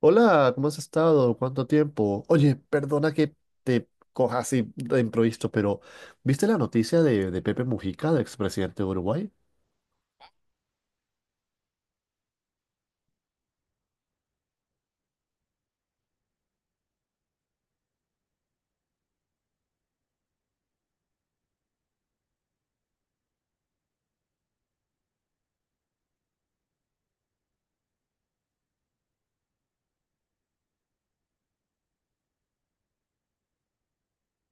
Hola, ¿cómo has estado? ¿Cuánto tiempo? Oye, perdona que te coja así de improviso, pero ¿viste la noticia de Pepe Mujica, del expresidente de Uruguay?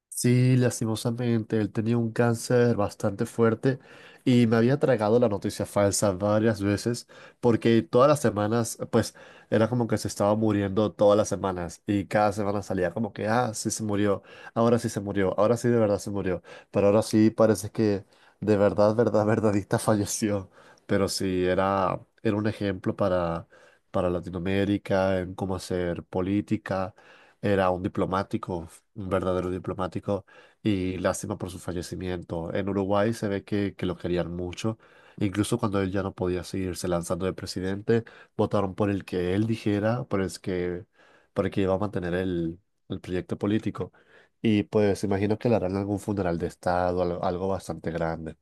Sí, lastimosamente, él tenía un cáncer bastante fuerte y me había tragado la noticia falsa varias veces porque todas las semanas, pues era como que se estaba muriendo todas las semanas, y cada semana salía como que, ah, sí se murió, ahora sí se murió, ahora sí de verdad se murió, pero ahora sí parece que de verdad, verdad, verdadita falleció. Pero sí, era un ejemplo para Latinoamérica en cómo hacer política. Era un diplomático, un verdadero diplomático, y lástima por su fallecimiento. En Uruguay se ve que lo querían mucho. Incluso cuando él ya no podía seguirse lanzando de presidente, votaron por el que él dijera, por el que iba a mantener el proyecto político. Y pues imagino que le harán algún funeral de estado, algo bastante grande.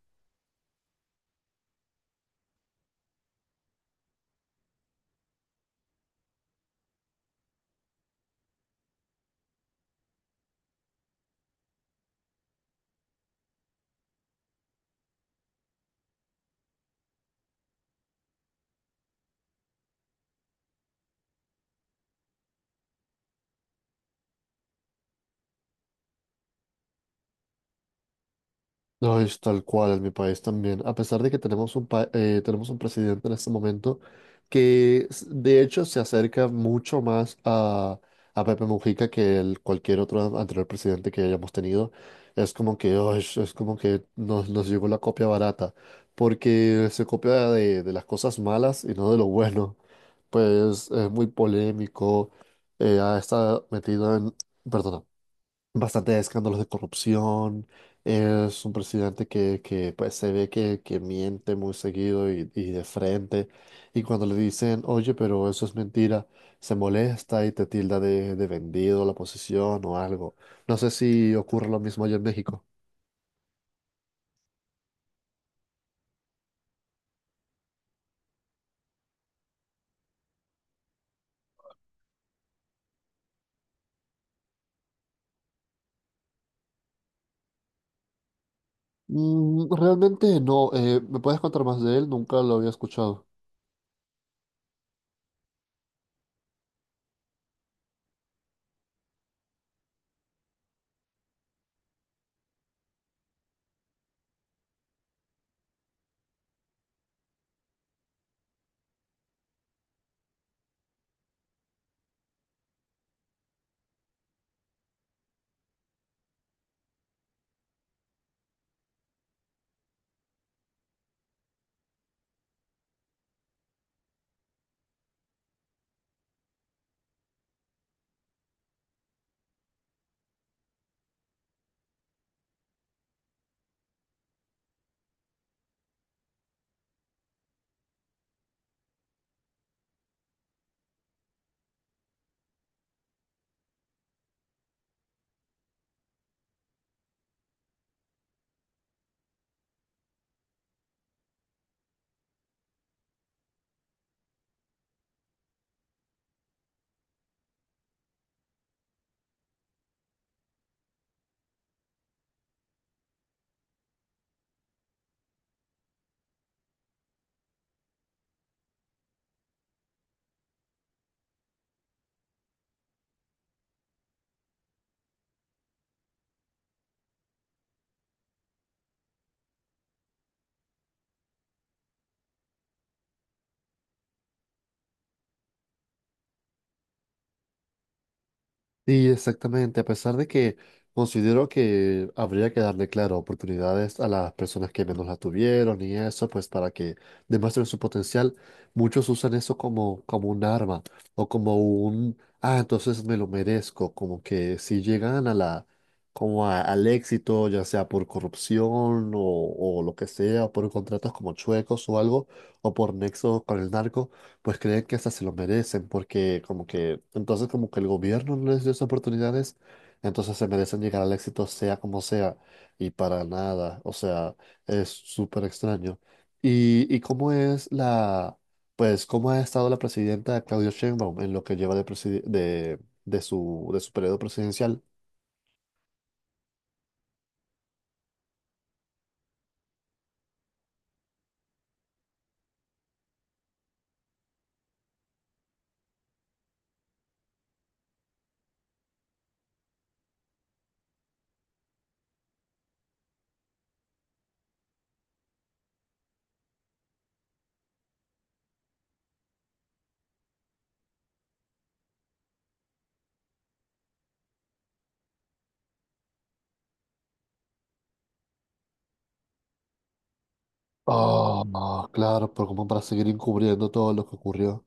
No, es tal cual en mi país también. A pesar de que tenemos un, tenemos un presidente en este momento que de hecho se acerca mucho más a Pepe Mujica que el, cualquier otro anterior presidente que hayamos tenido. Es como que, "Ay, es como que nos, nos llegó la copia barata, porque se copia de las cosas malas y no de lo bueno". Pues es muy polémico, ha estado metido en, perdona, bastante escándalos de corrupción. Es un presidente que pues se ve que miente muy seguido y de frente. Y cuando le dicen, oye, pero eso es mentira, se molesta y te tilda de vendido la posición o algo. No sé si ocurre lo mismo allá en México. Mm, realmente no. ¿Me puedes contar más de él? Nunca lo había escuchado. Sí, exactamente, a pesar de que considero que habría que darle, claro, oportunidades a las personas que menos las tuvieron y eso, pues para que demuestren su potencial, muchos usan eso como, como un arma o como un, ah, entonces me lo merezco, como que si llegan a la, como al éxito, ya sea por corrupción o lo que sea, o por contratos como chuecos o algo, o por nexos con el narco, pues creen que hasta se lo merecen, porque como que, entonces como que el gobierno no les dio esas oportunidades, entonces se merecen llegar al éxito sea como sea, y para nada, o sea, es súper extraño. Y cómo es la, pues cómo ha estado la presidenta Claudia Sheinbaum en lo que lleva de su periodo presidencial? Oh, no, claro, pero como para seguir encubriendo todo lo que ocurrió.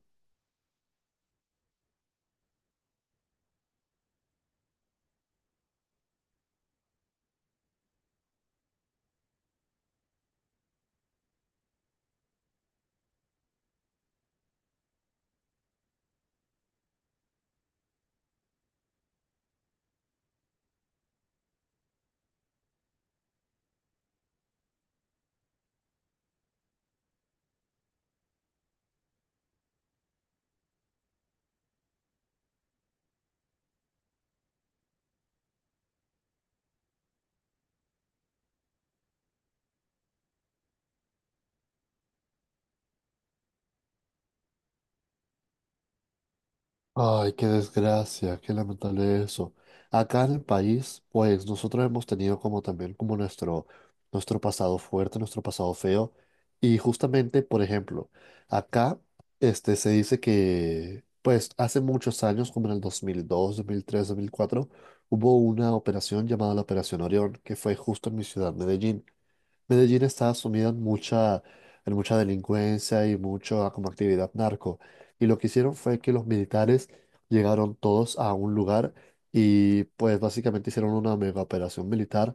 Ay, qué desgracia, qué lamentable eso. Acá en el país, pues nosotros hemos tenido como también como nuestro, nuestro pasado fuerte, nuestro pasado feo. Y justamente, por ejemplo, acá este, se dice que, pues hace muchos años, como en el 2002, 2003, 2004, hubo una operación llamada la Operación Orión, que fue justo en mi ciudad, Medellín. Medellín está sumida en mucha delincuencia y mucha como actividad narco. Y lo que hicieron fue que los militares llegaron todos a un lugar y pues básicamente hicieron una mega operación militar,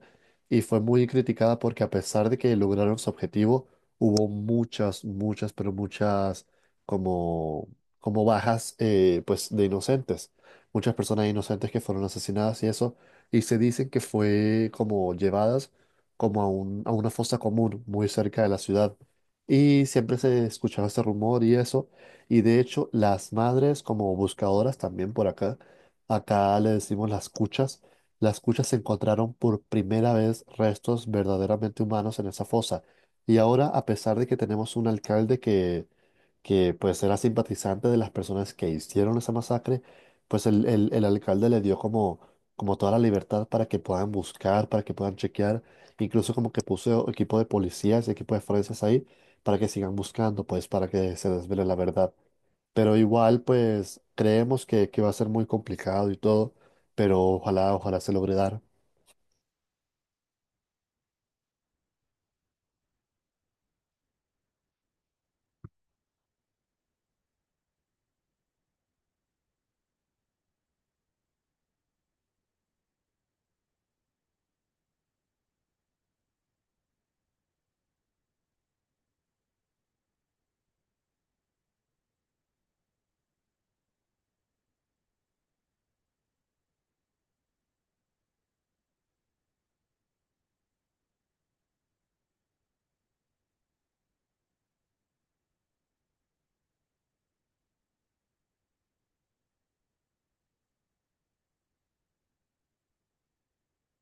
y fue muy criticada porque a pesar de que lograron su objetivo, hubo pero muchas como, como bajas, pues de inocentes. Muchas personas inocentes que fueron asesinadas y eso. Y se dicen que fue como llevadas como a, a una fosa común muy cerca de la ciudad. Y siempre se escuchaba ese rumor y eso. Y de hecho, las madres como buscadoras también por acá, acá le decimos las cuchas encontraron por primera vez restos verdaderamente humanos en esa fosa. Y ahora, a pesar de que tenemos un alcalde que pues era simpatizante de las personas que hicieron esa masacre, pues el alcalde le dio como, como toda la libertad para que puedan buscar, para que puedan chequear. Incluso como que puso equipo de policías y equipo de forenses ahí para que sigan buscando, pues para que se desvele la verdad. Pero igual, pues creemos que va a ser muy complicado y todo, pero ojalá, ojalá se logre dar.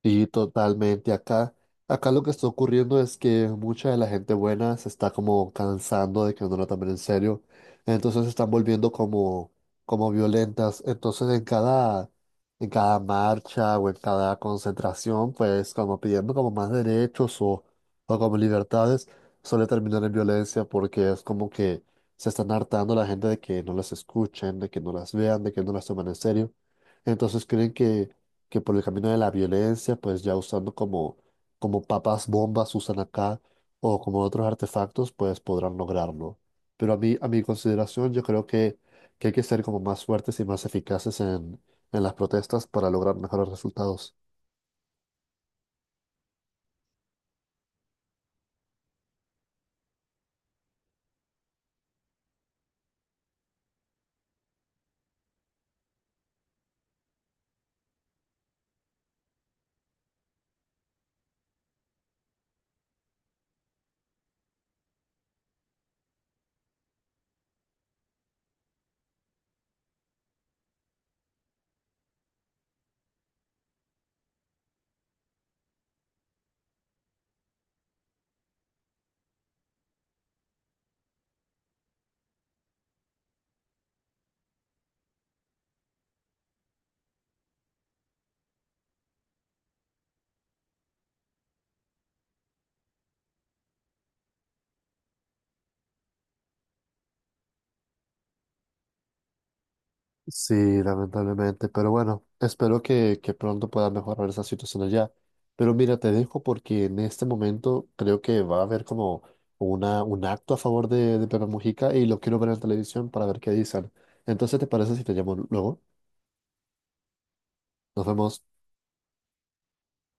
Sí, totalmente. Acá, acá lo que está ocurriendo es que mucha de la gente buena se está como cansando de que no la tomen en serio. Entonces se están volviendo como, como violentas. Entonces en cada marcha o en cada concentración, pues como pidiendo como más derechos o como libertades, suele terminar en violencia porque es como que se están hartando la gente de que no las escuchen, de que no las vean, de que no las tomen en serio. Entonces creen que por el camino de la violencia, pues ya usando como, como papas bombas usan acá o como otros artefactos, pues podrán lograrlo. Pero a mí, a mi consideración, yo creo que hay que ser como más fuertes y más eficaces en las protestas para lograr mejores resultados. Sí, lamentablemente, pero bueno, espero que pronto pueda mejorar esa situación allá. Pero mira, te dejo porque en este momento creo que va a haber como una, un acto a favor de Pepe Mujica, y lo quiero ver en televisión para ver qué dicen. Entonces, ¿te parece si te llamo luego? Nos vemos.